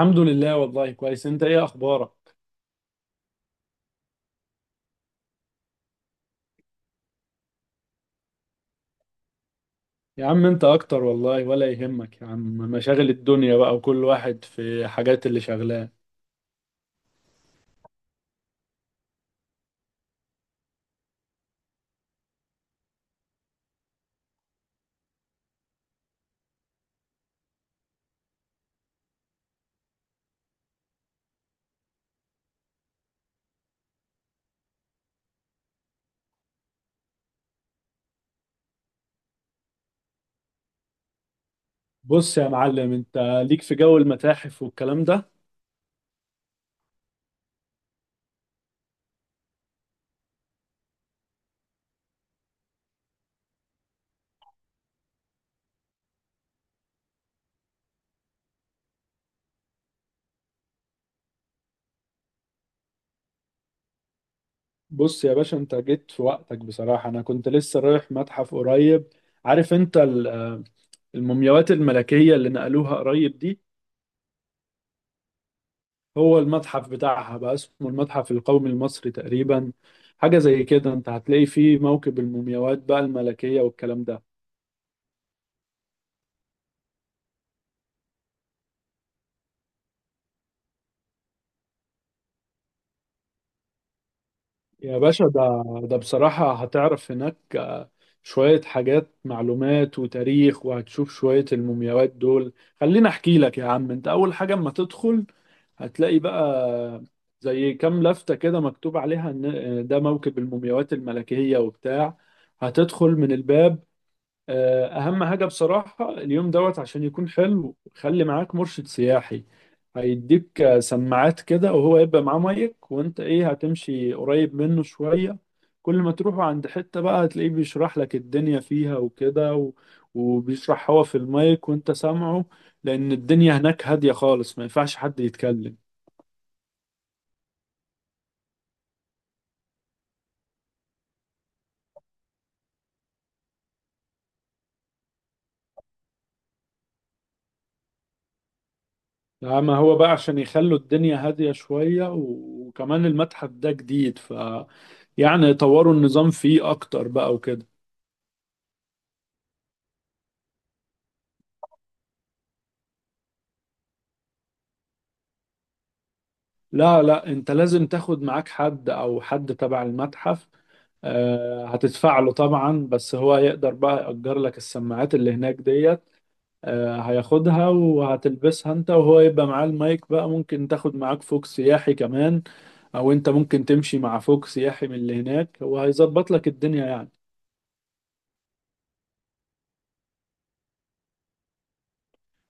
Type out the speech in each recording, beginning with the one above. الحمد لله. والله كويس. انت ايه اخبارك؟ يا عم انت اكتر والله، ولا يهمك يا عم. مشاغل الدنيا بقى، وكل واحد في حاجات اللي شغلاه. بص يا معلم، انت ليك في جو المتاحف والكلام ده. بص يا باشا، انت جيت في وقتك بصراحة. انا كنت لسه رايح متحف قريب. عارف انت المومياوات الملكية اللي نقلوها قريب دي. هو المتحف بتاعها بقى اسمه المتحف القومي المصري تقريبا. حاجة زي كده، انت هتلاقي فيه موكب المومياوات بقى الملكية والكلام ده. يا باشا ده بصراحة هتعرف هناك شوية حاجات، معلومات وتاريخ، وهتشوف شوية المومياوات دول. خليني أحكي لك يا عم. أنت أول حاجة أما تدخل هتلاقي بقى زي كام لفتة كده مكتوب عليها إن ده موكب المومياوات الملكية وبتاع. هتدخل من الباب. اهم حاجه بصراحه اليوم دوت عشان يكون حلو، خلي معاك مرشد سياحي. هيديك سماعات كده، وهو يبقى معاه مايك، وانت ايه هتمشي قريب منه شويه. كل ما تروحوا عند حته بقى هتلاقيه بيشرح لك الدنيا فيها وكده وبيشرح هو في المايك وانت سامعه. لان الدنيا هناك هاديه خالص، ما ينفعش حد يتكلم. اما هو بقى عشان يخلوا الدنيا هاديه شويه وكمان المتحف ده جديد يعني يطوروا النظام فيه اكتر بقى وكده. لا لا، انت لازم تاخد معاك حد او حد تبع المتحف. هتدفع له طبعا، بس هو يقدر بقى يأجر لك السماعات اللي هناك ديت. هياخدها وهتلبسها انت، وهو يبقى معاه المايك بقى. ممكن تاخد معاك فوق سياحي كمان، او انت ممكن تمشي مع فوق سياحي من اللي هناك، وهيظبط لك الدنيا يعني.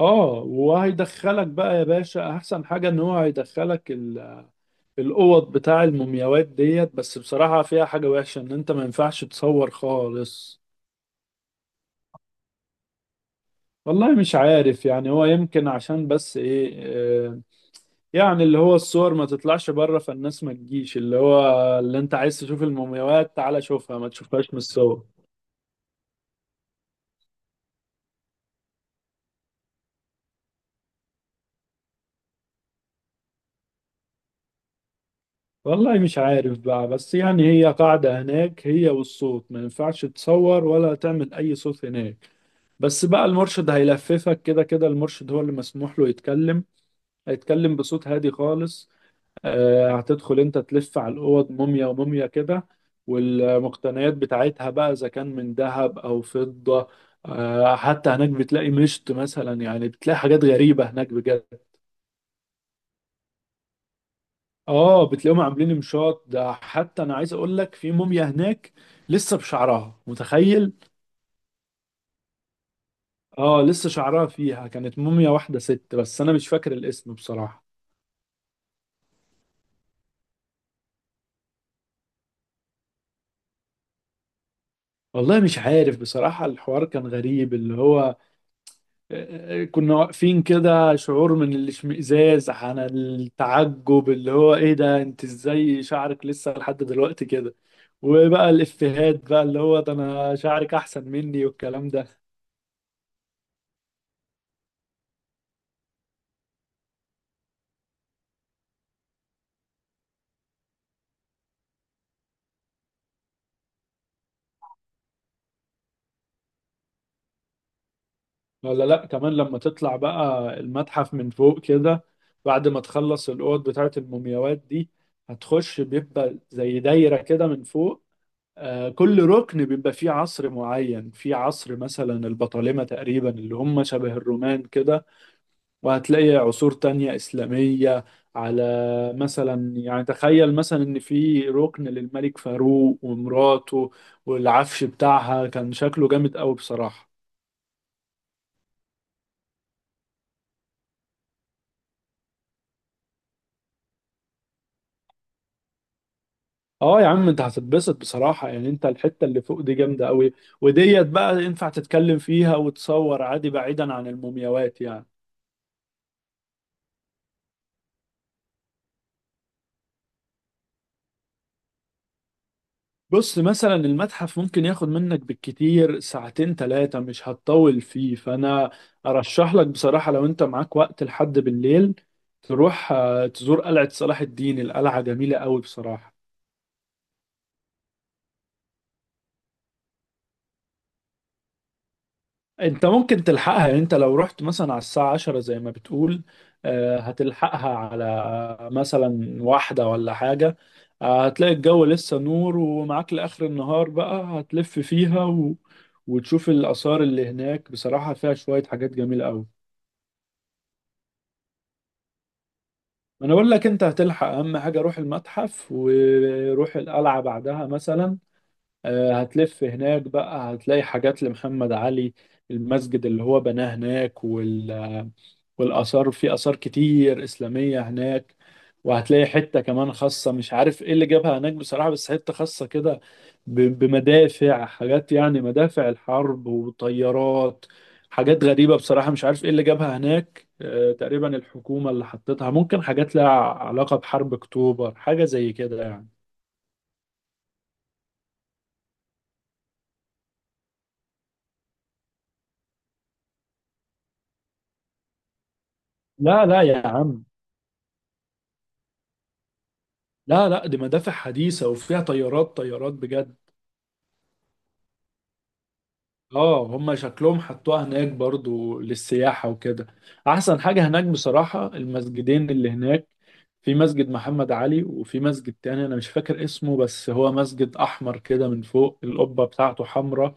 اه وهيدخلك بقى يا باشا، احسن حاجة ان هو هيدخلك الاوض بتاع المومياوات ديت. بس بصراحة فيها حاجة وحشة، ان انت ما ينفعش تصور خالص. والله مش عارف، يعني هو يمكن عشان بس ايه، آه، يعني اللي هو الصور ما تطلعش بره فالناس ما تجيش. اللي هو اللي انت عايز تشوف المومياوات تعالى شوفها، ما تشوفهاش من الصور. والله مش عارف بقى، بس يعني هي قاعدة هناك هي، والصوت ما ينفعش تصور ولا تعمل أي صوت هناك. بس بقى المرشد هيلففك كده كده، المرشد هو اللي مسموح له يتكلم. هيتكلم بصوت هادي خالص. هتدخل انت تلف على الاوض، موميا وموميا كده، والمقتنيات بتاعتها بقى اذا كان من ذهب او فضة. حتى هناك بتلاقي مشط مثلا، يعني بتلاقي حاجات غريبة هناك بجد. اه بتلاقيهم عاملين مشاط ده. حتى انا عايز اقول لك، في موميا هناك لسه بشعرها، متخيل! اه لسه شعرها فيها. كانت موميا واحدة ست، بس انا مش فاكر الاسم بصراحة. والله مش عارف بصراحة. الحوار كان غريب اللي هو، كنا واقفين كده، شعور من الاشمئزاز عن التعجب اللي هو ايه ده، انت ازاي شعرك لسه لحد دلوقتي كده؟ وبقى الافيهات بقى اللي هو ده انا شعرك احسن مني والكلام ده. ولا لا، كمان لما تطلع بقى المتحف من فوق كده، بعد ما تخلص الاوض بتاعت المومياوات دي، هتخش بيبقى زي دايرة كده من فوق. كل ركن بيبقى فيه عصر معين. في عصر مثلا البطالمة تقريبا، اللي هم شبه الرومان كده، وهتلاقي عصور تانية إسلامية. على، مثلا يعني تخيل مثلا إن في ركن للملك فاروق ومراته، والعفش بتاعها كان شكله جامد قوي بصراحة. اه يا عم، انت هتتبسط بصراحة. يعني انت الحتة اللي فوق دي جامدة قوي، وديت بقى ينفع تتكلم فيها وتصور عادي، بعيدا عن المومياوات يعني. بص مثلا، المتحف ممكن ياخد منك بالكتير ساعتين ثلاثة، مش هتطول فيه. فأنا أرشح لك بصراحة لو أنت معاك وقت لحد بالليل، تروح تزور قلعة صلاح الدين. القلعة جميلة قوي بصراحة. انت ممكن تلحقها. يعني انت لو رحت مثلا على الساعة 10 زي ما بتقول، هتلحقها على مثلا 1 ولا حاجة. هتلاقي الجو لسه نور، ومعاك لآخر النهار بقى هتلف فيها وتشوف الآثار اللي هناك. بصراحة فيها شوية حاجات جميلة أوي. أنا بقول لك أنت هتلحق. أهم حاجة روح المتحف وروح القلعة بعدها مثلا. هتلف هناك بقى، هتلاقي حاجات لمحمد علي، المسجد اللي هو بناه هناك والآثار في آثار كتير إسلامية هناك. وهتلاقي حتة كمان خاصة، مش عارف إيه اللي جابها هناك بصراحة، بس حتة خاصة كده بمدافع، حاجات يعني مدافع الحرب وطيارات. حاجات غريبة بصراحة، مش عارف إيه اللي جابها هناك. تقريبا الحكومة اللي حطتها، ممكن حاجات لها علاقة بحرب أكتوبر، حاجة زي كده يعني. لا لا يا عم، لا لا، دي مدافع حديثة وفيها طيارات، طيارات بجد. اه هم شكلهم حطوها هناك برضو للسياحة وكده. احسن حاجة هناك بصراحة المسجدين اللي هناك. في مسجد محمد علي، وفي مسجد تاني انا مش فاكر اسمه، بس هو مسجد احمر كده، من فوق القبة بتاعته حمراء.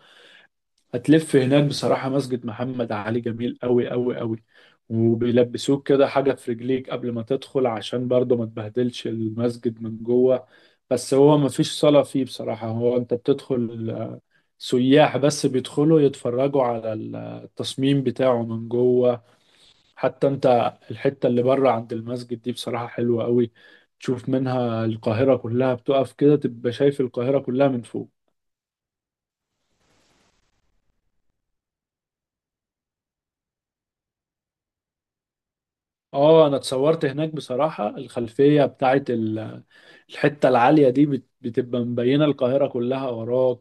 هتلف هناك بصراحة، مسجد محمد علي جميل قوي قوي قوي. وبيلبسوك كده حاجة في رجليك قبل ما تدخل، عشان برضه ما تبهدلش المسجد من جوه. بس هو ما فيش صلاة فيه بصراحة. هو انت بتدخل سياح بس، بيدخلوا يتفرجوا على التصميم بتاعه من جوه. حتى انت الحتة اللي بره عند المسجد دي بصراحة حلوة قوي. تشوف منها القاهرة كلها، بتقف كده تبقى شايف القاهرة كلها من فوق. اه انا اتصورت هناك بصراحة. الخلفية بتاعت الحتة العالية دي بتبقى مبينة القاهرة كلها وراك،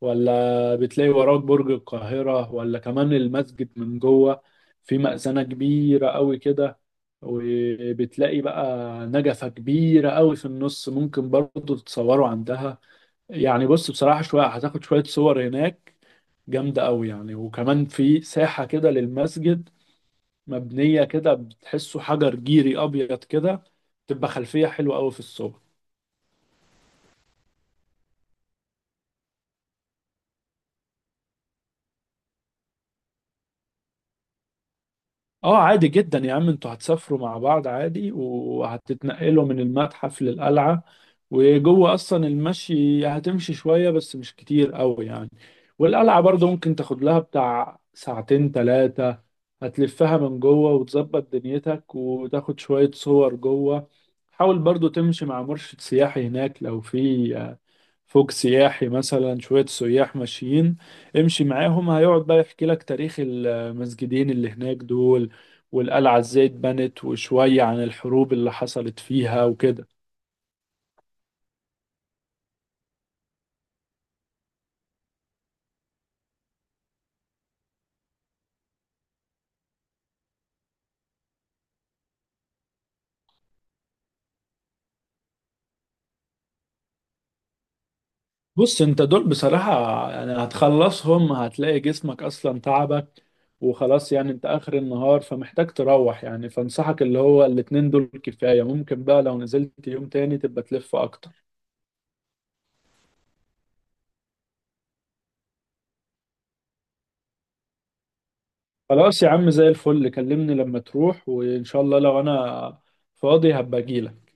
ولا بتلاقي وراك برج القاهرة، ولا كمان المسجد من جوه في مأذنة كبيرة قوي كده. وبتلاقي بقى نجفة كبيرة قوي في النص، ممكن برضو تتصوروا عندها يعني. بص بصراحة، شوية هتاخد شوية صور هناك جامدة قوي يعني. وكمان في ساحة كده للمسجد، مبنية كده بتحسه حجر جيري أبيض كده، تبقى خلفية حلوة أوي في الصور. اه عادي جدا يا عم، انتوا هتسافروا مع بعض عادي، وهتتنقلوا من المتحف للقلعة. وجوه أصلا المشي هتمشي شوية بس، مش كتير أوي يعني. والقلعة برضه ممكن تاخد لها بتاع ساعتين تلاتة. هتلفها من جوه وتظبط دنيتك وتاخد شوية صور جوه. حاول برضه تمشي مع مرشد سياحي هناك، لو في فوق سياحي مثلا، شوية سياح ماشيين امشي معاهم. هيقعد بقى يحكي لك تاريخ المسجدين اللي هناك دول، والقلعة ازاي اتبنت، وشوية عن الحروب اللي حصلت فيها وكده. بص انت دول بصراحة يعني هتخلصهم هتلاقي جسمك اصلا تعبك، وخلاص يعني. انت اخر النهار فمحتاج تروح يعني. فانصحك اللي هو الاتنين دول كفاية، ممكن بقى لو نزلت يوم تاني تبقى تلف اكتر. خلاص يا عم، زي الفل. كلمني لما تروح، وإن شاء الله لو أنا فاضي هبقى أجيلك.